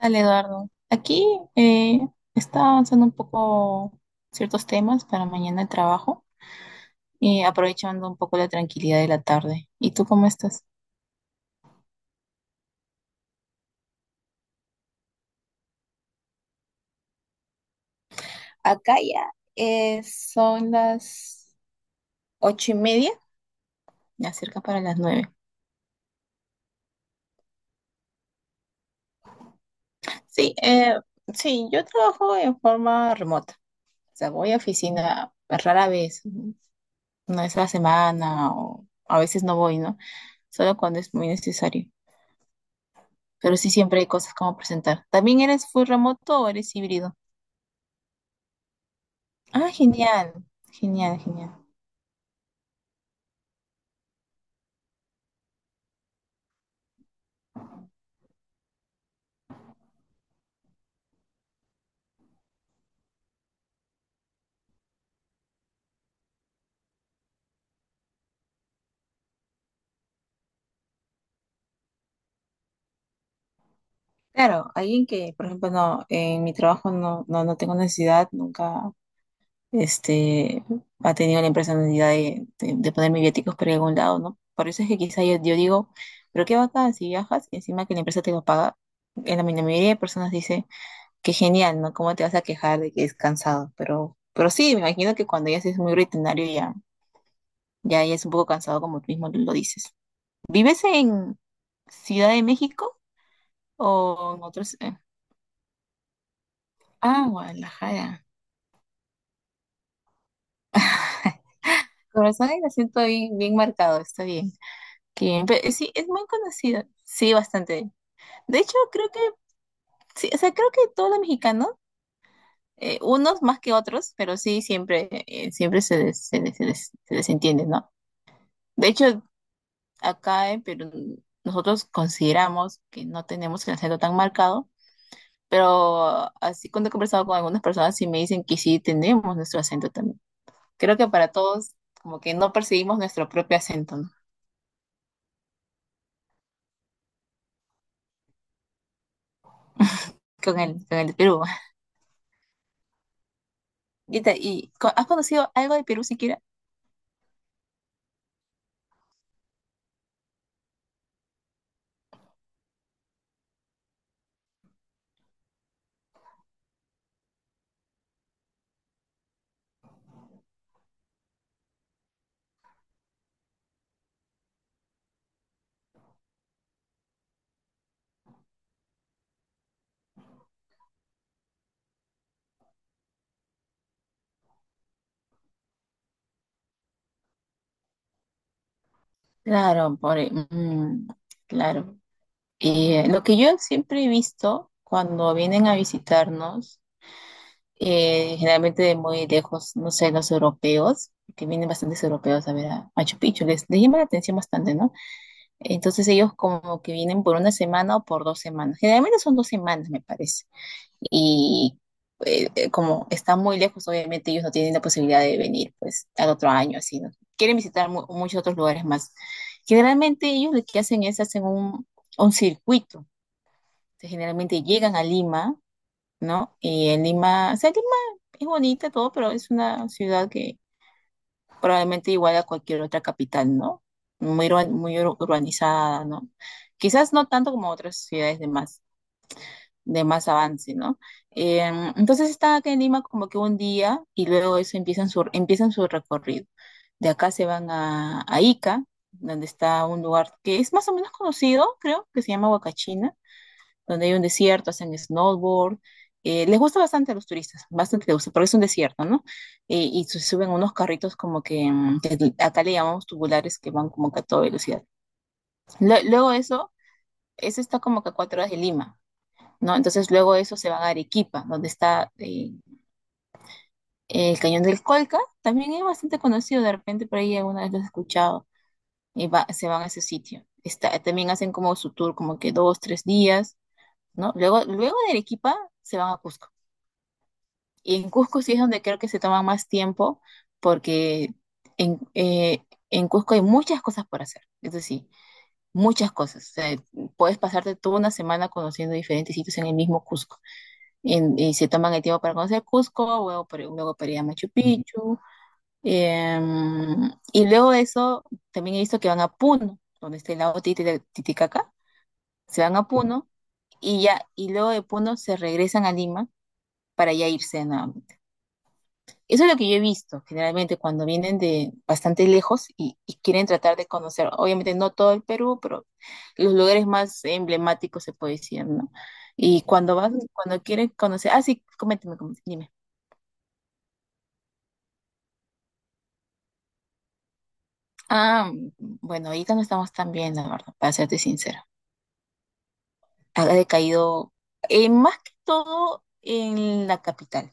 Dale, Eduardo. Aquí eh, está avanzando un poco ciertos temas para mañana el trabajo y aprovechando un poco la tranquilidad de la tarde. ¿Y tú cómo estás? Acá ya son las 8:30. Ya cerca para las 9. Sí, sí, yo trabajo en forma remota. O sea, voy a oficina rara vez, una vez a la semana o a veces no voy, ¿no? Solo cuando es muy necesario. Pero sí, siempre hay cosas como presentar. ¿También eres full remoto o eres híbrido? Ah, genial, genial, genial. Claro, alguien que, por ejemplo, no, en mi trabajo no, no, no tengo necesidad, nunca, este, ha tenido la empresa necesidad de ponerme viáticos por algún lado, ¿no? Por eso es que quizá yo digo, pero qué bacán si viajas y encima que la empresa te lo paga. La mayoría de personas dice, qué genial, ¿no? ¿Cómo te vas a quejar de que es cansado? Pero sí, me imagino que cuando ya es muy rutinario ya. Ya, ya es un poco cansado, como tú mismo lo dices. ¿Vives en Ciudad de México o en otros? Ah, Guadalajara. Con razón el acento bien, bien marcado, está bien. Qué bien, pero sí, es muy conocido. Sí, bastante. De hecho, creo que, sí, o sea, creo que todos los mexicanos, unos más que otros, pero sí, siempre se les, se les ¿no? De hecho, acá en Perú, nosotros consideramos que no tenemos el acento tan marcado. Pero así, cuando he conversado con algunas personas, sí me dicen que sí tenemos nuestro acento también. Creo que para todos como que no percibimos nuestro propio acento, ¿no? Con el de Perú. ¿Has conocido algo de Perú siquiera? Claro, claro. Y lo que yo siempre he visto cuando vienen a visitarnos, generalmente de muy lejos, no sé, los europeos, que vienen bastantes europeos a ver a Machu Picchu, les llama la atención bastante, ¿no? Entonces ellos como que vienen por una semana o por 2 semanas. Generalmente son 2 semanas, me parece. Y Como están muy lejos, obviamente ellos no tienen la posibilidad de venir pues al otro año, así, ¿no? Quieren visitar muchos otros lugares más. Generalmente ellos lo que hacen es hacen un circuito. Entonces, generalmente llegan a Lima, ¿no? Y en Lima, o sea, Lima es bonita todo, pero es una ciudad que probablemente igual a cualquier otra capital, ¿no? Muy urbanizada, ¿no? Quizás no tanto como otras ciudades de más, avance, ¿no? Entonces están acá en Lima como que un día y luego eso empiezan su recorrido. De acá se van a Ica, donde está un lugar que es más o menos conocido, creo, que se llama Huacachina, donde hay un desierto, hacen snowboard. Les gusta bastante a los turistas, bastante les gusta, porque es un desierto, ¿no? Y se suben unos carritos como que, que acá le llamamos tubulares, que van como que a toda velocidad. Luego eso está como que a 4 horas de Lima, ¿no? Entonces luego eso se van a Arequipa, donde está el Cañón del Colca, también es bastante conocido, de repente por ahí alguna vez lo he escuchado, se van a ese sitio. Está, también hacen como su tour como que 2, 3 días, ¿no? Luego de Arequipa se van a Cusco. Y en Cusco sí es donde creo que se toma más tiempo porque en, eh, en Cusco hay muchas cosas por hacer, eso sí, muchas cosas. O sea, puedes pasarte toda una semana conociendo diferentes sitios en el mismo Cusco. Y se toman el tiempo para conocer Cusco, luego para ir a Machu Picchu. Y luego de eso, también he visto que van a Puno, donde está el lago Titicaca. Se van a Puno y ya, y luego de Puno se regresan a Lima para ya irse, ¿no? Eso es lo que yo he visto generalmente cuando vienen de bastante lejos y quieren tratar de conocer, obviamente no todo el Perú, pero los lugares más emblemáticos, se puede decir, ¿no? Y cuando vas, cuando quieren conocer, ah, sí, coméntame, coméntame, dime. Ah, bueno, ahorita no estamos tan bien, la verdad, para serte sincera. Ha decaído, más que todo en la capital.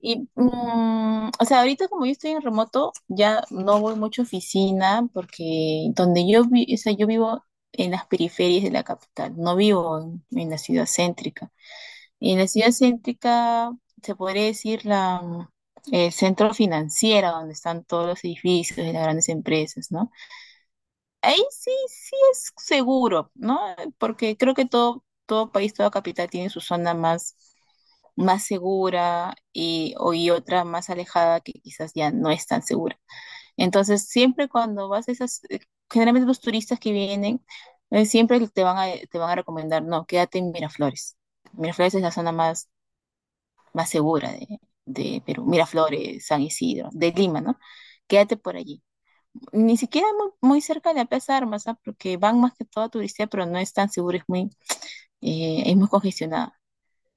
Y, o sea, ahorita como yo estoy en remoto, ya no voy mucho a oficina porque donde yo vi, o sea, yo vivo en las periferias de la capital, no vivo en la ciudad céntrica. Y en la ciudad céntrica se podría decir el centro financiero, donde están todos los edificios de las grandes empresas, ¿no? Ahí sí, sí es seguro, ¿no? Porque creo que todo país, toda capital tiene su zona más segura y otra más alejada, que quizás ya no es tan segura. Entonces, siempre cuando vas generalmente los turistas que vienen, siempre te van a, recomendar, no, quédate en Miraflores. Miraflores es la zona más segura de Perú, Miraflores, San Isidro, de Lima, ¿no? Quédate por allí. Ni siquiera muy, muy cerca de la Plaza de Armas, ¿ah? Porque van más que todo a turistear, pero no es tan seguro, es muy congestionada.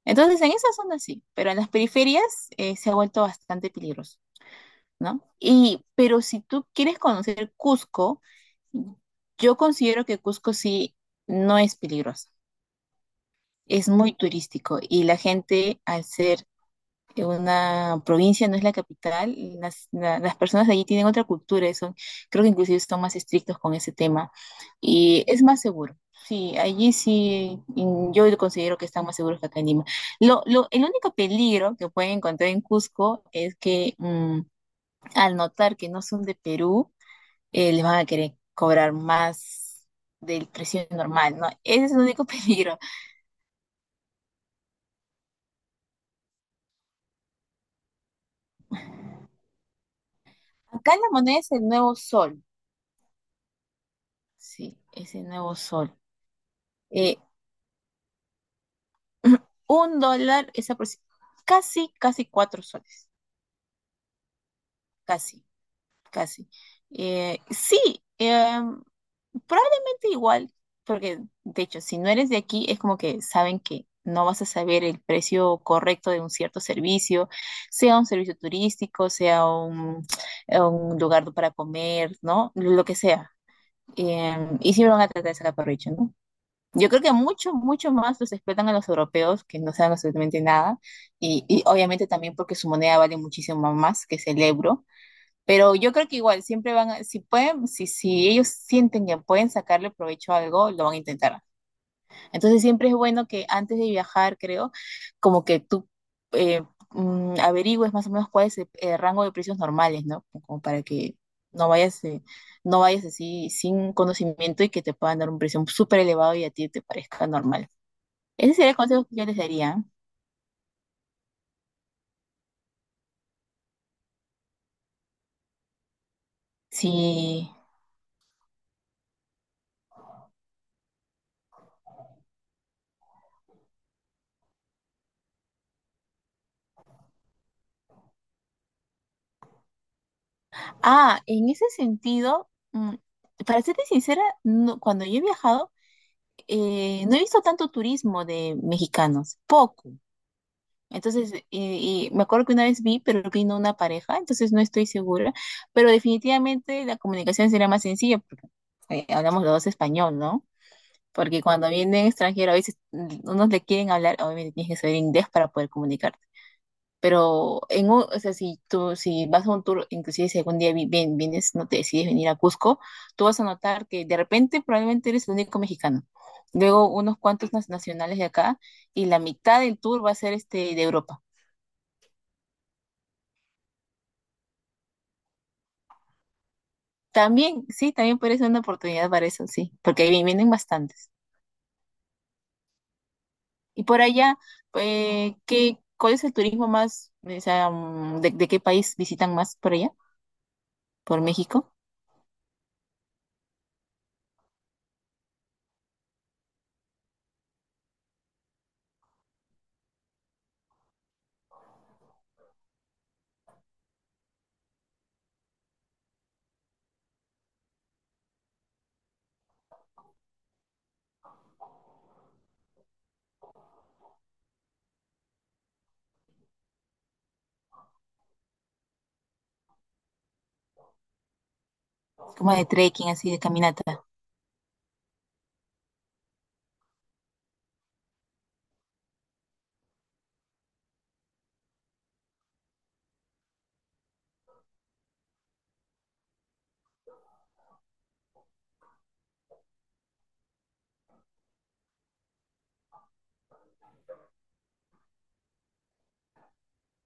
Entonces, en esas zonas sí, pero en las periferias se ha vuelto bastante peligroso, ¿no? Y, pero si tú quieres conocer Cusco, yo considero que Cusco sí no es peligroso, es muy turístico, y la gente al ser que una provincia no es la capital, y las, las personas de allí tienen otra cultura, y son, creo que inclusive son más estrictos con ese tema, y es más seguro. Sí, allí sí, yo considero que están más seguros que acá en Lima. Lo, el único peligro que pueden encontrar en Cusco es que al notar que no son de Perú, les van a querer cobrar más del precio normal, ¿no? Ese es el único peligro. Acá la moneda es el nuevo sol, sí, es el nuevo sol. Eh, Un dólar es casi, casi 4 soles. Casi, casi. Sí, probablemente igual, porque de hecho, si no eres de aquí, es como que saben que no vas a saber el precio correcto de un cierto servicio, sea un servicio turístico, sea un lugar para comer, ¿no? Lo que sea. Y sí, me van a tratar de sacar provecho, ¿no? Yo creo que mucho, mucho más los explotan a los europeos, que no saben absolutamente nada, y obviamente también porque su moneda vale muchísimo más, que es el euro, pero yo creo que igual siempre van a, si pueden, si ellos sienten que pueden sacarle provecho a algo, lo van a intentar. Entonces siempre es bueno que antes de viajar, creo, como que tú eh, averigües más o menos cuál es el rango de precios normales, ¿no? Como para que no vayas, no vayas así sin conocimiento, y que te puedan dar un precio súper elevado y a ti te parezca normal. Ese sería el consejo que yo les daría. Sí. Ah, en ese sentido, mm, para serte sincera, cuando yo he viajado, no he visto tanto turismo de mexicanos, poco. Entonces, y me acuerdo que una vez vi, pero vino una pareja, entonces no estoy segura, pero definitivamente la comunicación sería más sencilla, porque hablamos los dos español, ¿no? Porque cuando vienen extranjeros, a veces unos le quieren hablar, obviamente tienes que saber inglés para poder comunicarte. Pero o sea, si vas a un tour, inclusive si algún día vienes, no te decides venir a Cusco, tú vas a notar que de repente probablemente eres el único mexicano. Luego unos cuantos nacionales de acá, y la mitad del tour va a ser de Europa. También, sí, también puede ser una oportunidad para eso, sí, porque ahí vienen bastantes. Y por allá, cuál es el turismo más, o sea, de qué país visitan más por allá? ¿Por México? Como de trekking, así, de caminata.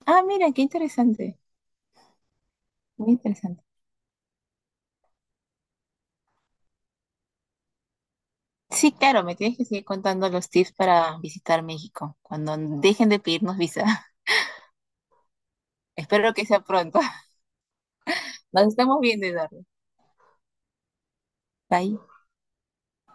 Ah, mira, qué interesante, muy interesante. Sí, claro, me tienes que seguir contando los tips para visitar México, cuando dejen de pedirnos visa. Espero que sea pronto. Nos estamos viendo, Eduardo. Bye.